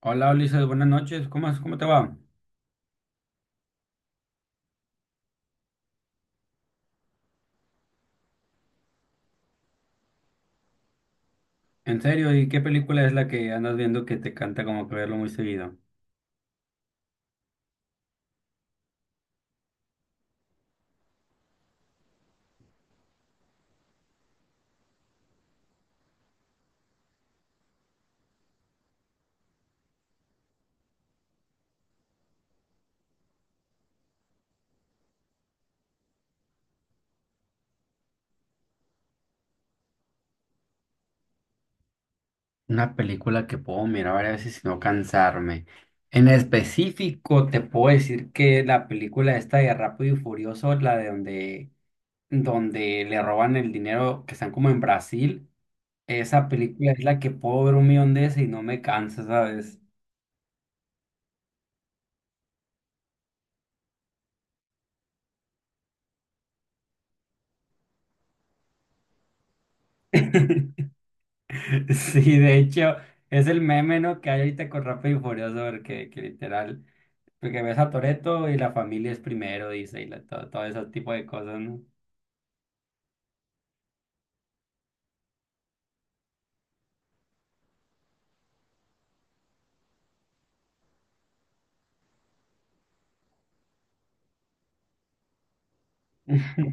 Hola Ulises, buenas noches. ¿Cómo te va? En serio, ¿y qué película es la que andas viendo que te canta como que verlo muy seguido? Una película que puedo mirar varias veces sin no cansarme. En específico, te puedo decir que la película esta de Rápido y Furioso, donde le roban el dinero que están como en Brasil, esa película es la que puedo ver un millón de veces y no me cansa, ¿sabes? Sí, de hecho, es el meme, ¿no?, que hay ahorita con Rápido y Furioso, porque que literal, porque ves a Toretto y la familia es primero, dice, todo, todo ese tipo de cosas, ¿no?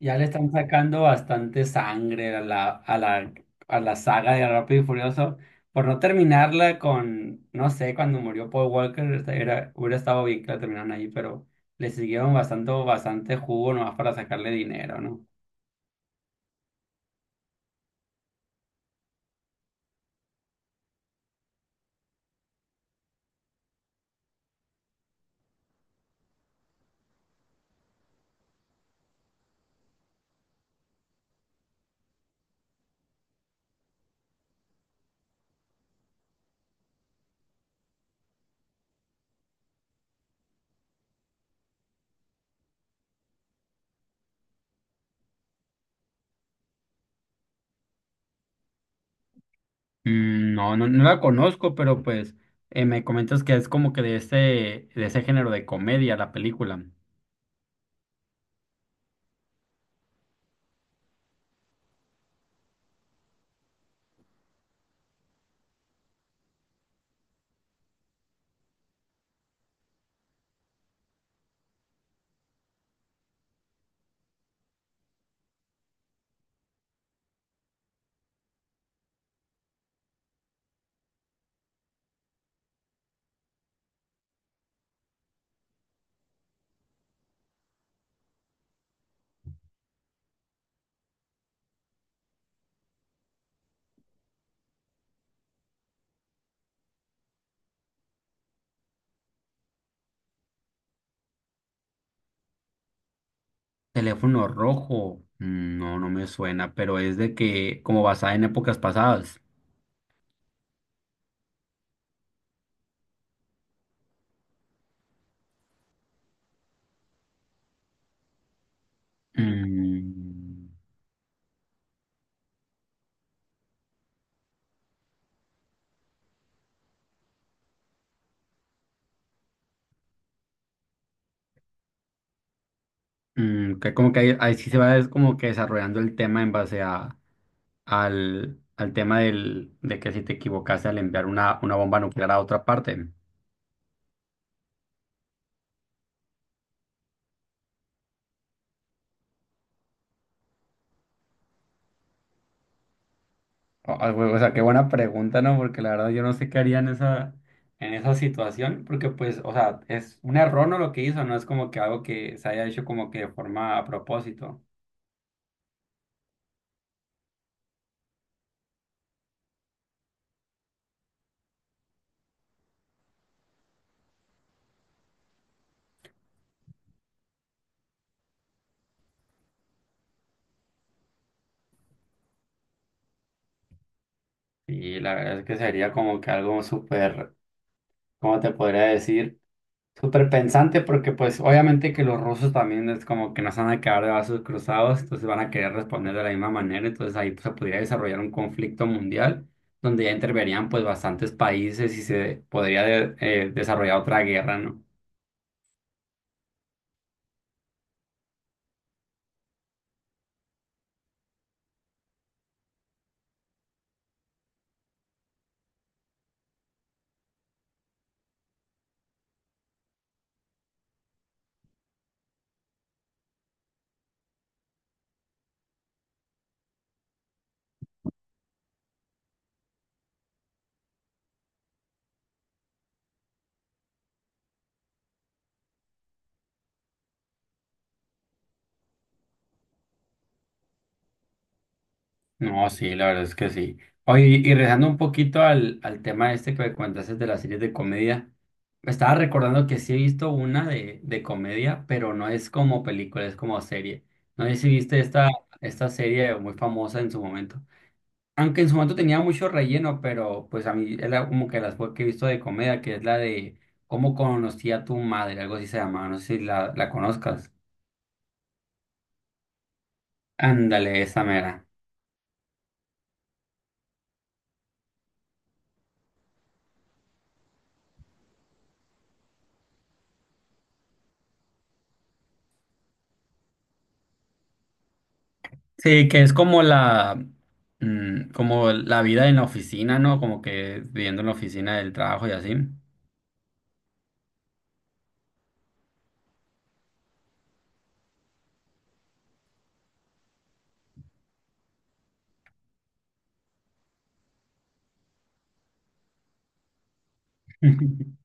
Ya le están sacando bastante sangre a la saga de Rápido y Furioso, por no terminarla con, no sé, cuando murió Paul Walker, hubiera estado bien que la terminaran ahí, pero le siguieron bastante, bastante jugo nomás para sacarle dinero, ¿no? Mm, no, no, no la conozco, pero pues me comentas que es como que de ese género de comedia la película. Teléfono rojo, mm, no, no me suena, pero es de que como basada en épocas pasadas. Mm, mm, que como que ahí, ahí sí se va es como que desarrollando el tema en base al tema del, de que si te equivocaste al enviar una bomba nuclear a otra parte. Ah, güey, o sea, qué buena pregunta, ¿no? Porque la verdad yo no sé qué haría en esa situación, porque pues, o sea, es un error, ¿no? Lo que hizo, no es como que algo que se haya hecho como que de forma a propósito. Y la verdad es que sería como que algo súper, ¿cómo te podría decir? Súper pensante porque pues obviamente que los rusos también es como que no se van a quedar de brazos cruzados, entonces van a querer responder de la misma manera, entonces ahí pues, se podría desarrollar un conflicto mundial donde ya interverían pues bastantes países y se podría desarrollar otra guerra, ¿no? No, sí, la verdad es que sí. Oye, y regresando un poquito al tema este que me comentaste de las series de comedia, me estaba recordando que sí he visto una de comedia, pero no es como película, es como serie. No sé si viste esta serie muy famosa en su momento. Aunque en su momento tenía mucho relleno, pero pues a mí es como que las fue que he visto de comedia, que es la de ¿Cómo conocí a tu madre? Algo así se llamaba, no sé si la conozcas. Ándale, esa mera. Sí, que es como como la vida en la oficina, ¿no? Como que viviendo en la oficina del trabajo y así.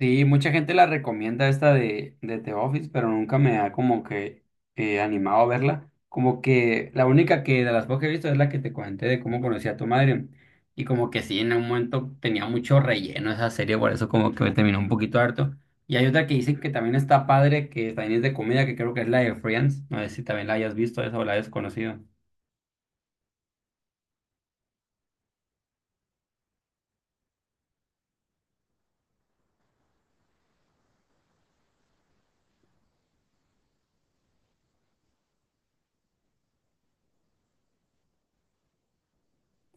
Sí, mucha gente la recomienda esta de The Office, pero nunca me ha como que animado a verla. Como que la única que de las pocas que he visto es la que te comenté de cómo conocí a tu madre. Y como que sí, en un momento tenía mucho relleno esa serie, por eso como que me terminó un poquito harto. Y hay otra que dicen que también está padre, que también es de comida, que creo que es la de Friends. No sé si también la hayas visto esa o la hayas conocido.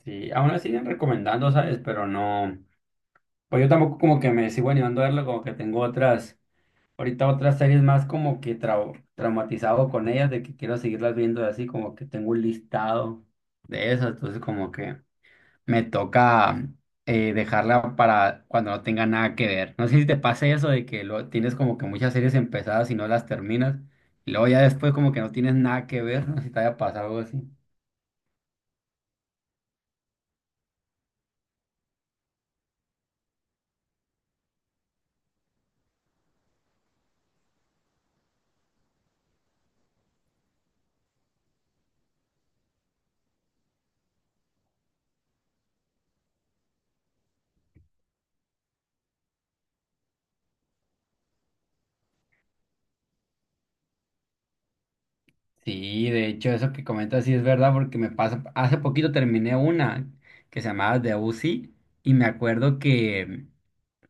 Sí, aún la siguen recomendando, ¿sabes? Pero no. Pues yo tampoco como que me sigo animando a verlo, como que tengo otras. Ahorita otras series más como que traumatizado con ellas, de que quiero seguirlas viendo así, como que tengo un listado de esas, entonces como que me toca dejarla para cuando no tenga nada que ver. No sé si te pase eso de que lo, tienes como que muchas series empezadas y no las terminas, y luego ya después como que no tienes nada que ver, no sé si te haya pasado algo así. Sí, de hecho eso que comentas sí es verdad porque me pasa, hace poquito terminé una que se llamaba The UC y me acuerdo que...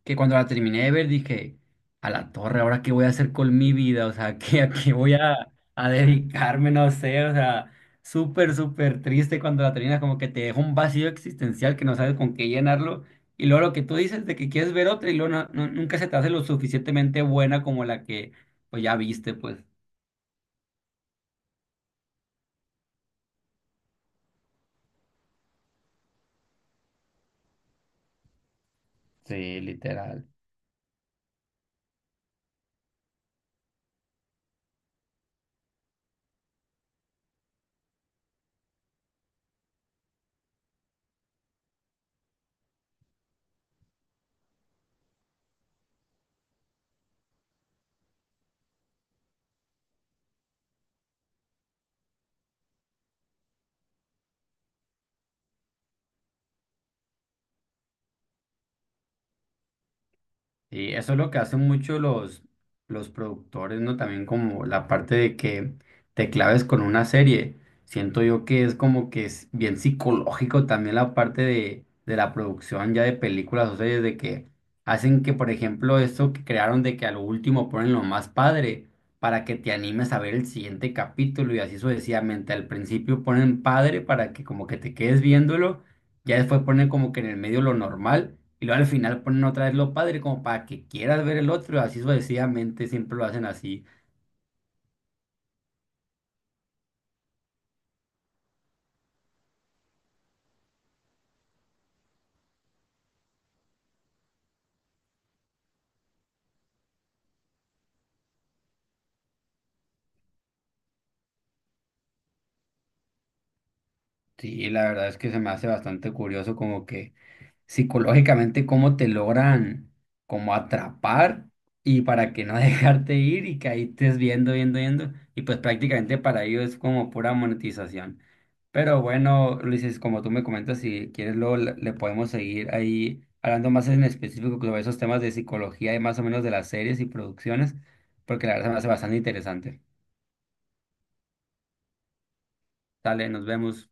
cuando la terminé de ver dije, a la torre, ¿ahora qué voy a hacer con mi vida? O sea, ¿qué, a qué voy a dedicarme? No sé, o sea, súper, súper triste cuando la terminas, como que te deja un vacío existencial que no sabes con qué llenarlo. Y luego lo que tú dices de que quieres ver otra y luego nunca se te hace lo suficientemente buena como la que pues ya viste, pues. Sí, literal. Sí, eso es lo que hacen mucho los productores, ¿no? También como la parte de que te claves con una serie. Siento yo que es como que es bien psicológico también la parte de la producción ya de películas o series, de que hacen que, por ejemplo, esto que crearon de que a lo último ponen lo más padre para que te animes a ver el siguiente capítulo y así sucesivamente. Al principio ponen padre para que como que te quedes viéndolo, ya después ponen como que en el medio lo normal. Y luego al final ponen otra vez lo padre como para que quieras ver el otro, así sucesivamente siempre lo hacen así. Sí, la verdad es que se me hace bastante curioso como que psicológicamente cómo te logran como atrapar y para que no dejarte ir y que ahí estés viendo, viendo, viendo. Y pues prácticamente para ello es como pura monetización. Pero bueno, Luis, como tú me comentas, si quieres luego le podemos seguir ahí hablando más en específico sobre esos temas de psicología y más o menos de las series y producciones, porque la verdad se me hace bastante interesante. Dale, nos vemos.